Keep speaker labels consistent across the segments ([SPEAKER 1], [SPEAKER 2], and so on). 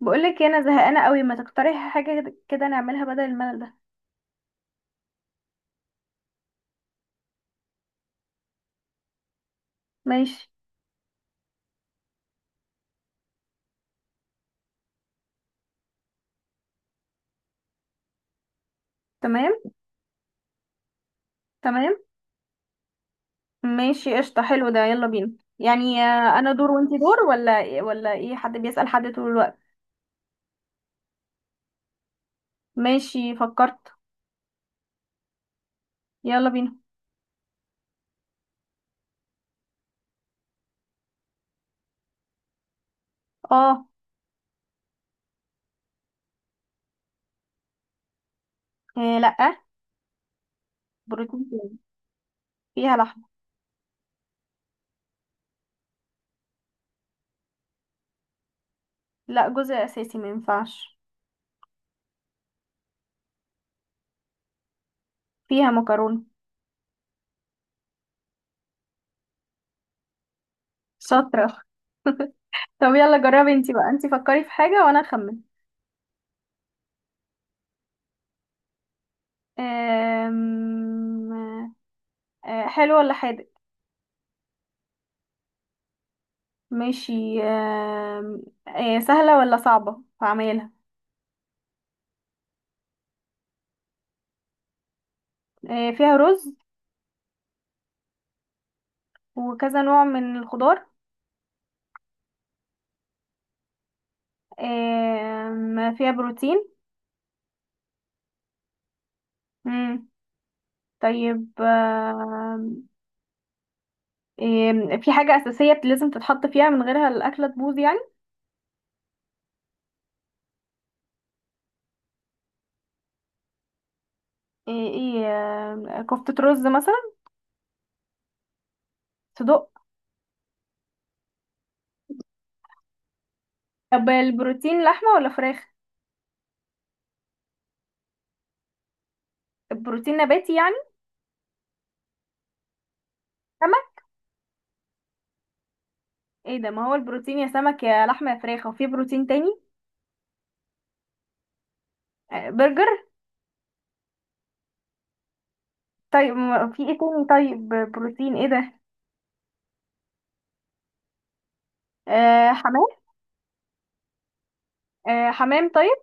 [SPEAKER 1] بقولك إيه، انا زهقانه قوي، ما تقترحي حاجه كده نعملها بدل الملل ده؟ ماشي. تمام. تمام. ماشي قشطه، حلو ده، يلا بينا. يعني انا دور وانتي دور ولا ايه حد بيسأل حد طول الوقت؟ ماشي فكرت. يلا بينا. اه. إيه لا، بروتين تاني. فيها لحمه. لا جزء اساسي، ما ينفعش. فيها مكرونه. شاطره. طب يلا جربي انتي بقى، انتي فكري في حاجه وانا اخمن. آم، حلو ولا حادق؟ ماشي. سهلة ولا صعبة هعملها؟ فيها رز وكذا نوع من الخضار؟ فيها بروتين؟ مم. طيب. في حاجة أساسية لازم تتحط فيها من غيرها الأكلة تبوظ يعني؟ ايه كفتة رز مثلا؟ صدق؟ طب البروتين لحمة ولا فراخ؟ البروتين نباتي يعني؟ سمك؟ ايه ده، ما هو البروتين يا سمك يا لحمة يا فراخ، وفي بروتين تاني؟ برجر؟ طيب في ايه تاني؟ طيب بروتين ايه ده؟ آه حمام. آه حمام طيب.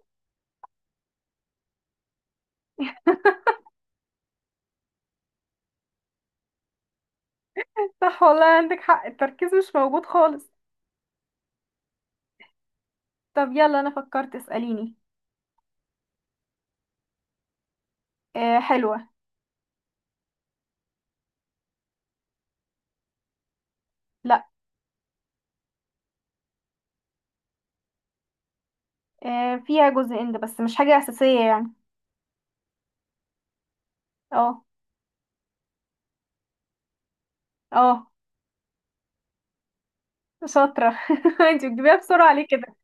[SPEAKER 1] صح والله عندك حق، التركيز مش موجود خالص. طب يلا انا فكرت، اسأليني. آه حلوة. لا. آه فيها جزء اند بس مش حاجة أساسية يعني. اه. اه. شاطرة. انتي بتجيبيها بسرعة ليه كده؟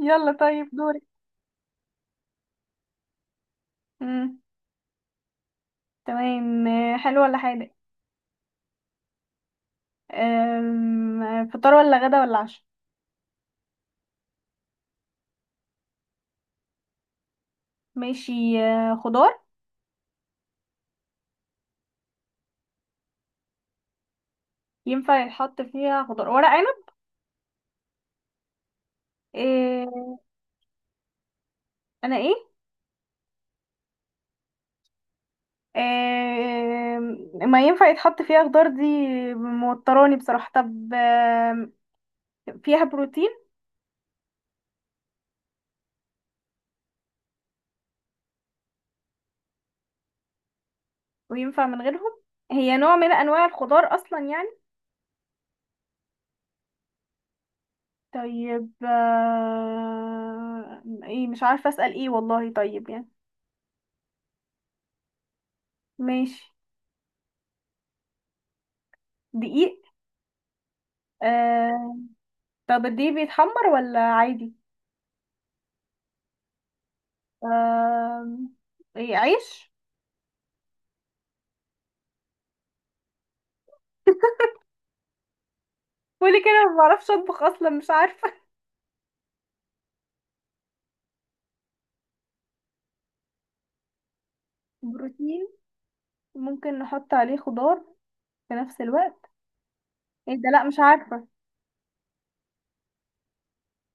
[SPEAKER 1] يلا طيب دوري. مم. تمام. آه حلو ولا حادق؟ فطار ولا غدا ولا عشاء؟ ماشي. آه خضار؟ ينفع يتحط فيها خضار ورق عنب؟ آه. انا ايه؟ ما ينفع يتحط فيها خضار دي، موتراني بصراحة. طب فيها بروتين؟ وينفع من غيرهم؟ هي نوع من انواع الخضار اصلا يعني؟ طيب ايه مش عارفة اسأل ايه والله، طيب يعني. ماشي. دقيق. آم، طب الدقيق بيتحمر ولا عادي؟ آم، ايه، عيش؟ قولي كده، ما بعرفش اطبخ اصلا، مش عارفة. بروتين، ممكن نحط عليه خضار في نفس الوقت. ايه ده؟ لا مش عارفة.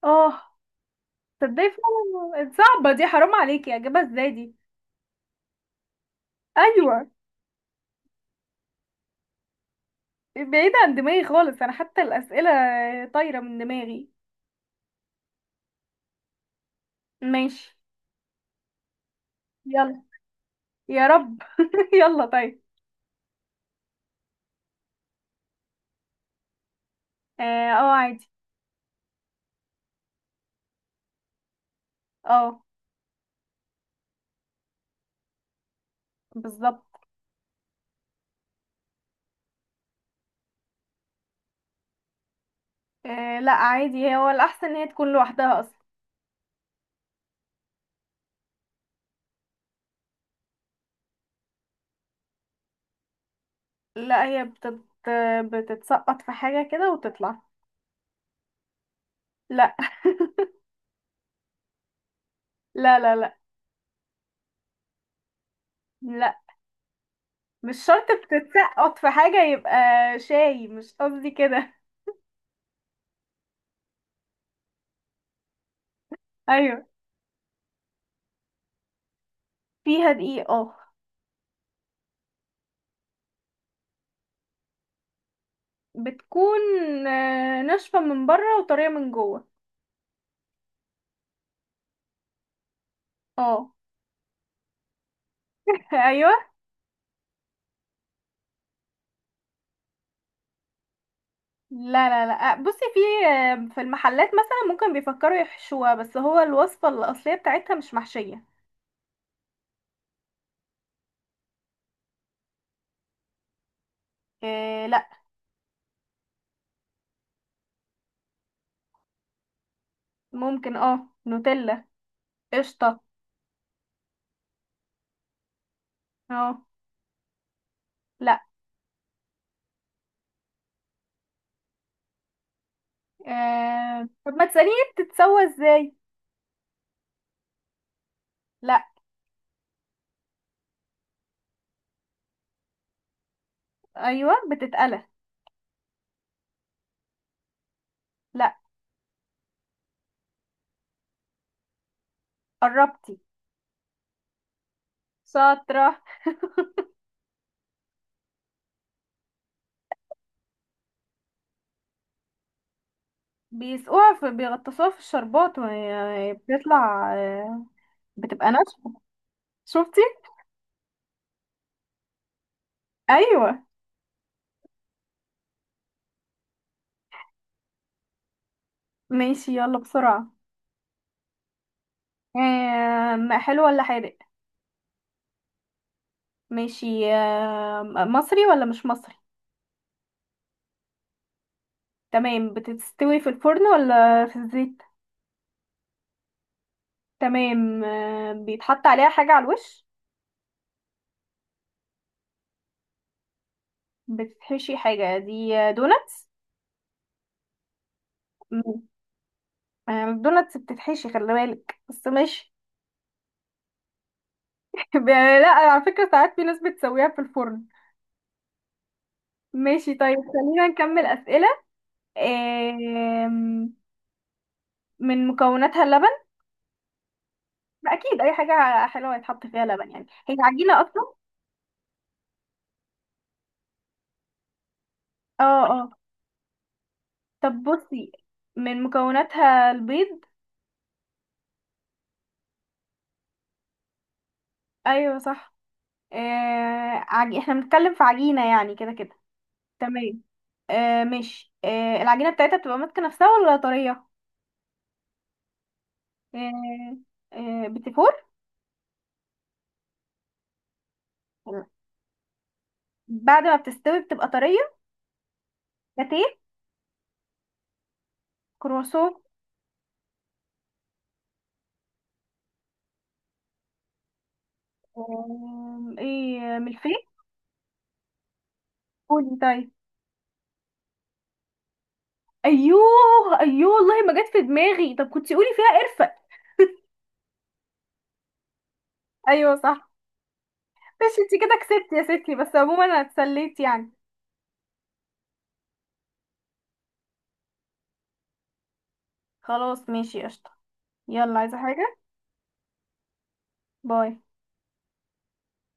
[SPEAKER 1] اه. تصدقي فعلا صعبة دي، حرام عليكي اجيبها ازاي دي. ايوه. بعيدة عن دماغي خالص انا، حتى الاسئلة طايرة من دماغي. ماشي. يلا. يا رب. يلا طيب. اه عادي. اه. بالظبط. آه لا عادي، هو الاحسن ان هي تكون لوحدها اصلا. لا هي بتت... بتتسقط في حاجة كده وتطلع. لا. لا لا لا. لا، مش شرط بتتسقط في حاجة يبقى. شاي، مش قصدي كده. ايوه. فيها دقيقة اه. بتكون ناشفة من بره وطرية من جوه. اه. ايوه. لا لا لا، بصي في، في المحلات مثلا ممكن بيفكروا يحشوها، بس هو الوصفة الأصلية بتاعتها مش محشية. إيه لا. ممكن اه نوتيلا. قشطة. اه. لا. إيه، طب ما تسأليني بتتسوى ازاي. لا. ايوه بتتقلى. لا. قربتي. شاطرة. بيسقوها في، بيغطسوها في الشربات، وهي بتطلع بتبقى ناشفة. شفتي. ايوه. ماشي يلا بسرعة. حلو ولا حادق؟ ماشي. مصري ولا مش مصري؟ تمام. بتستوي في الفرن ولا في الزيت؟ تمام. بيتحط عليها حاجة على الوش؟ بتتحشي حاجة؟ دي دوناتس، دوناتس. مم. آه، الدوناتس بتتحشي، خلي بالك، بس ماشي. لا على فكرة، ساعات في ناس بتسويها في الفرن. ماشي طيب، خلينا نكمل أسئلة. آم، من مكوناتها اللبن؟ أكيد أي حاجة حلوة يتحط فيها لبن، يعني هي عجينة أصلا. اه. اه. طب بصي، من مكوناتها البيض؟ ايوه صح. احنا بنتكلم في عجينة يعني كده كده. تمام. آه مش آه العجينة بتاعتها بتبقى ماسكة نفسها ولا طرية؟ آه. آه بتفور؟ بعد ما بتستوي بتبقى طرية. لاتيه؟ كرواسون؟ آه ايه، ملفيه؟ قولي طيب. ايوه. ايوه والله ما جت في دماغي، طب كنتي قولي فيها قرفة. ايوه صح. مش انتي كده كسبتي يا ستي، بس عموما انا اتسليت يعني. خلاص ماشي قشطة. يلا عايزة حاجة. باي.